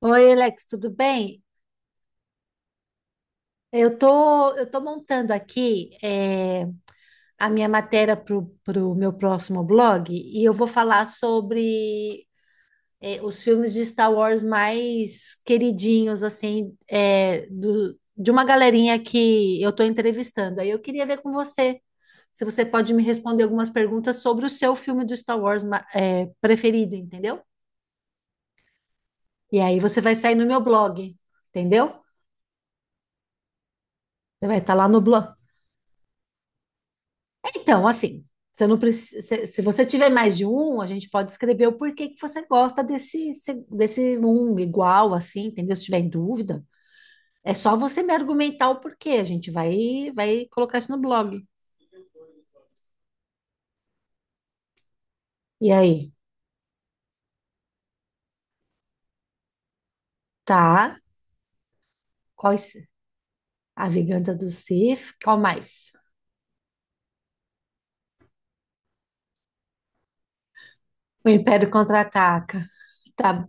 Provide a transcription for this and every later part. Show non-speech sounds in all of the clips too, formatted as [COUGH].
Oi, Alex, tudo bem? Eu tô montando aqui a minha matéria para o meu próximo blog e eu vou falar sobre os filmes de Star Wars mais queridinhos, assim, de uma galerinha que eu tô entrevistando. Aí eu queria ver com você se você pode me responder algumas perguntas sobre o seu filme do Star Wars preferido, entendeu? E aí você vai sair no meu blog, entendeu? Você vai estar lá no blog. Então, assim, você não precisa, se você tiver mais de um, a gente pode escrever o porquê que você gosta desse, desse um igual, assim, entendeu? Se tiver em dúvida, é só você me argumentar o porquê. A gente vai colocar isso no blog. E aí, tá? Quais, a Vingança do Sith, qual mais? O Império Contra-Ataca. Tá,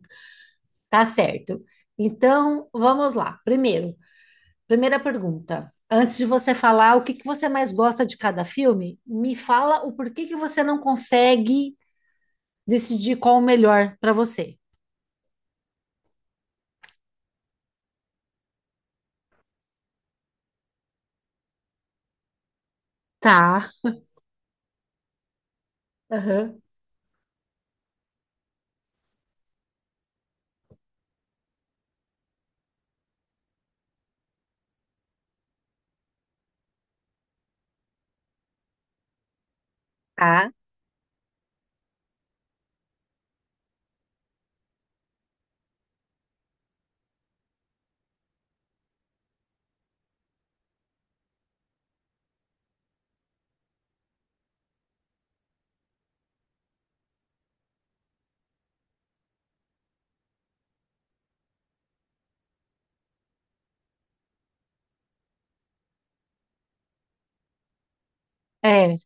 tá certo. Então, vamos lá. Primeira pergunta. Antes de você falar o que que você mais gosta de cada filme, me fala o porquê que você não consegue decidir qual o melhor para você. Tá, aham. Tá, é,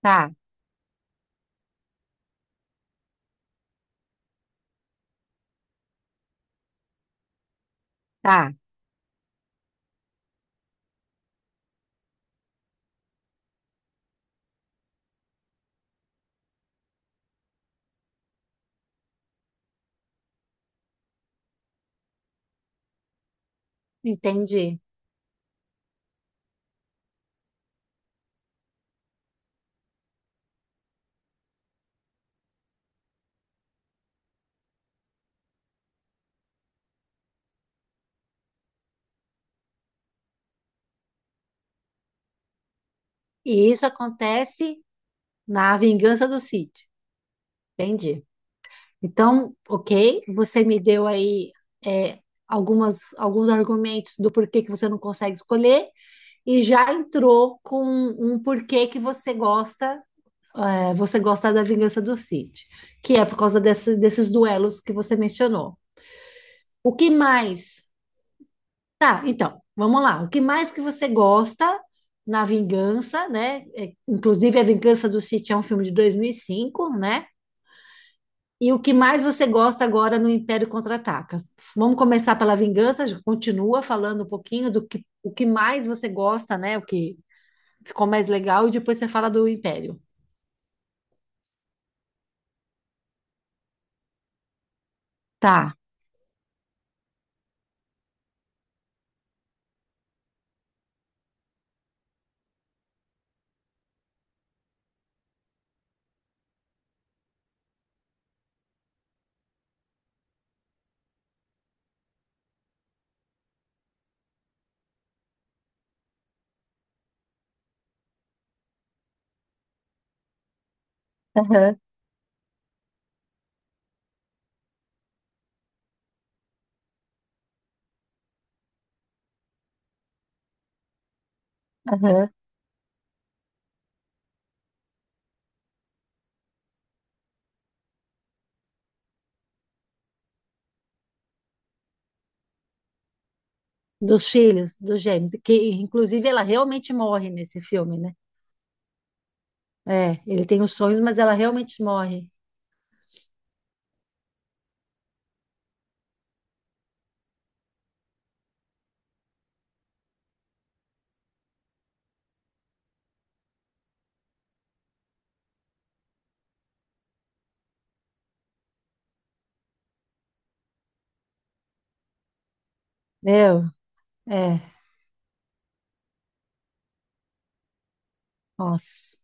tá, tá. Entendi. E isso acontece na Vingança do Sith. Entendi. Então, ok, você me deu aí é, algumas, alguns argumentos do porquê que você não consegue escolher e já entrou com um porquê que você gosta, você gosta da Vingança do Cid, que é por causa desses duelos que você mencionou. O que mais? Tá, então, vamos lá. O que mais que você gosta na Vingança, né? É, inclusive, a Vingança do Cid é um filme de 2005, né? E o que mais você gosta agora no Império Contra-Ataca? Vamos começar pela Vingança, já continua falando um pouquinho do que, o que mais você gosta, né? O que ficou mais legal, e depois você fala do Império. Tá. Aham, aham. Dos filhos, dos gêmeos, que inclusive ela realmente morre nesse filme, né? É, ele tem os sonhos, mas ela realmente morre. Meu, é, nossa.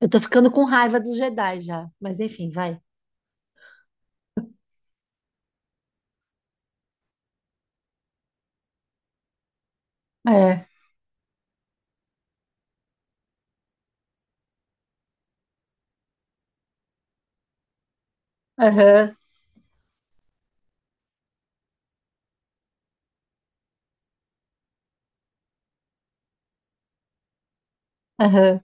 Eu tô ficando com raiva dos Jedi já, mas enfim, vai. É, aham, aham,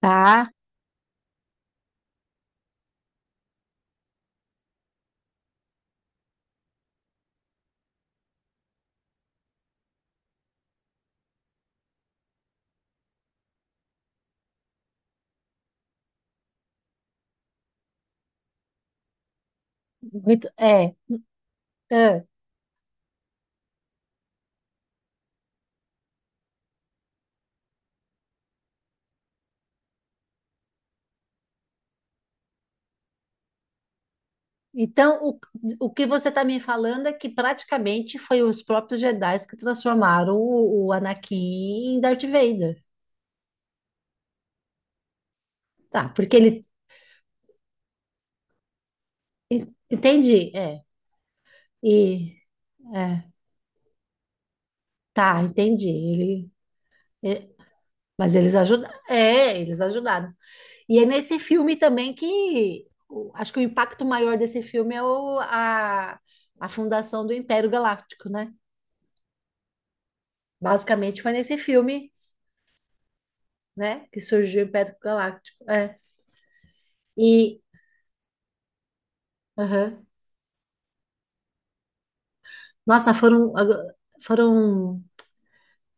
tá. Muito, é. É. Então, o que você tá me falando é que praticamente foi os próprios Jedi que transformaram o Anakin em Darth Vader. Tá, porque ele. Entendi, é. E. É. Tá, entendi. Ele, é, mas eles ajudaram. É, eles ajudaram. E é nesse filme também que acho que o impacto maior desse filme é a fundação do Império Galáctico, né? Basicamente foi nesse filme, né, que surgiu o Império Galáctico. É. E aham. Nossa, foram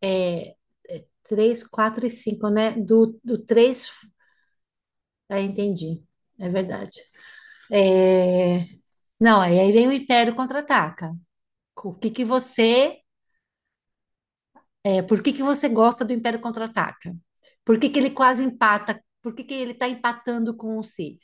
é, é, três, quatro e cinco, né? Do, do três. É, entendi. É verdade. É, não, aí vem o Império Contra-Ataca. O que que você, por que que você gosta do Império Contra-Ataca? Por que que ele quase empata? Por que que ele tá empatando com o Cid?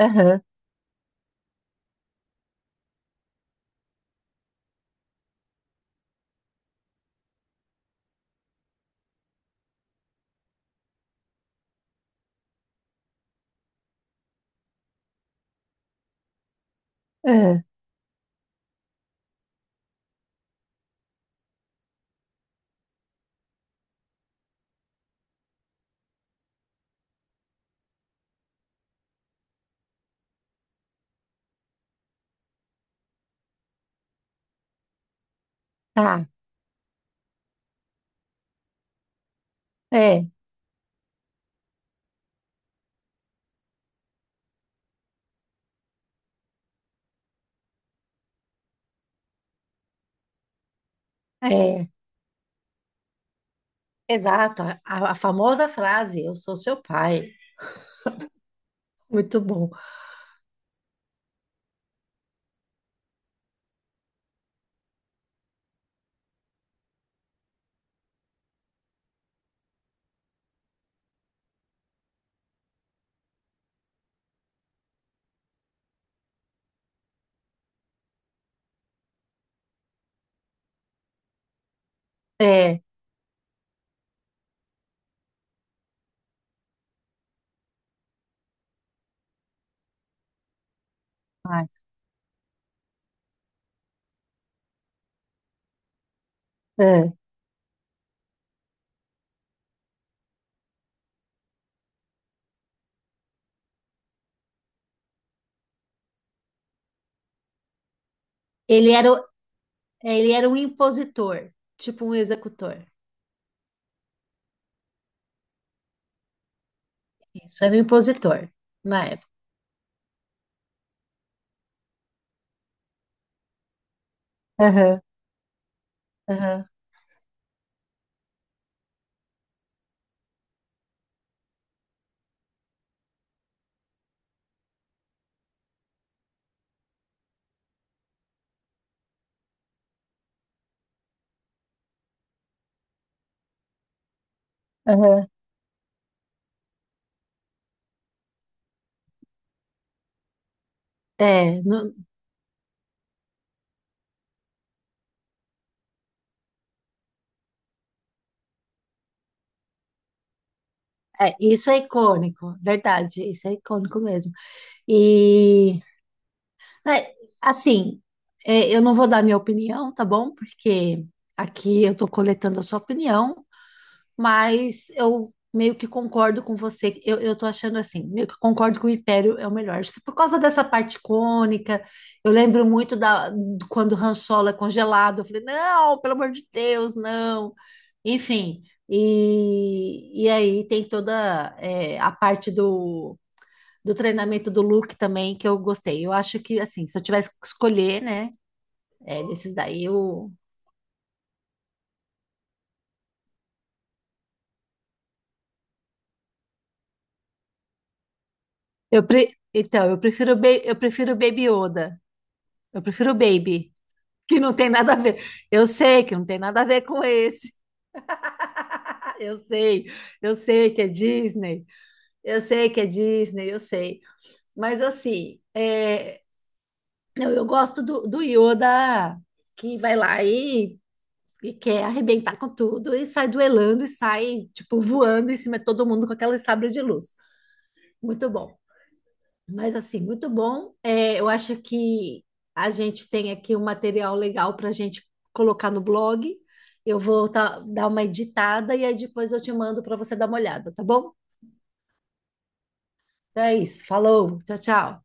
Aham, aham, tá. É, é, exato. A famosa frase, eu sou seu pai. Muito bom. É, mas, é. Ele era, o- ele era um impositor, tipo um executor. Isso, era um impositor na época. Aham, aham, aham. É, é, isso é icônico, verdade, isso é icônico mesmo. E, né, assim, é, eu não vou dar minha opinião, tá bom? Porque aqui eu tô coletando a sua opinião, mas eu meio que concordo com você. Eu tô achando assim, meio que concordo que o Império é o melhor. Acho que por causa dessa parte icônica, eu lembro muito quando o Han Solo é congelado. Eu falei, não, pelo amor de Deus, não. Enfim, e aí tem toda a parte do, do treinamento do Luke também que eu gostei. Eu acho que, assim, se eu tivesse que escolher, né, é, desses daí, eu prefiro, eu prefiro o Baby Yoda. Eu prefiro o Baby. Que não tem nada a ver. Eu sei que não tem nada a ver com esse. [LAUGHS] Eu sei, eu sei que é Disney, eu sei que é Disney, eu sei. Mas assim, é, não, eu gosto do, do Yoda que vai lá e quer arrebentar com tudo e sai duelando e sai, tipo, voando em cima de todo mundo com aquela sabre de luz. Muito bom. Mas assim, muito bom. É, eu acho que a gente tem aqui um material legal para a gente colocar no blog. Eu vou dar uma editada e aí depois eu te mando para você dar uma olhada, tá bom? Então é isso. Falou, tchau, tchau.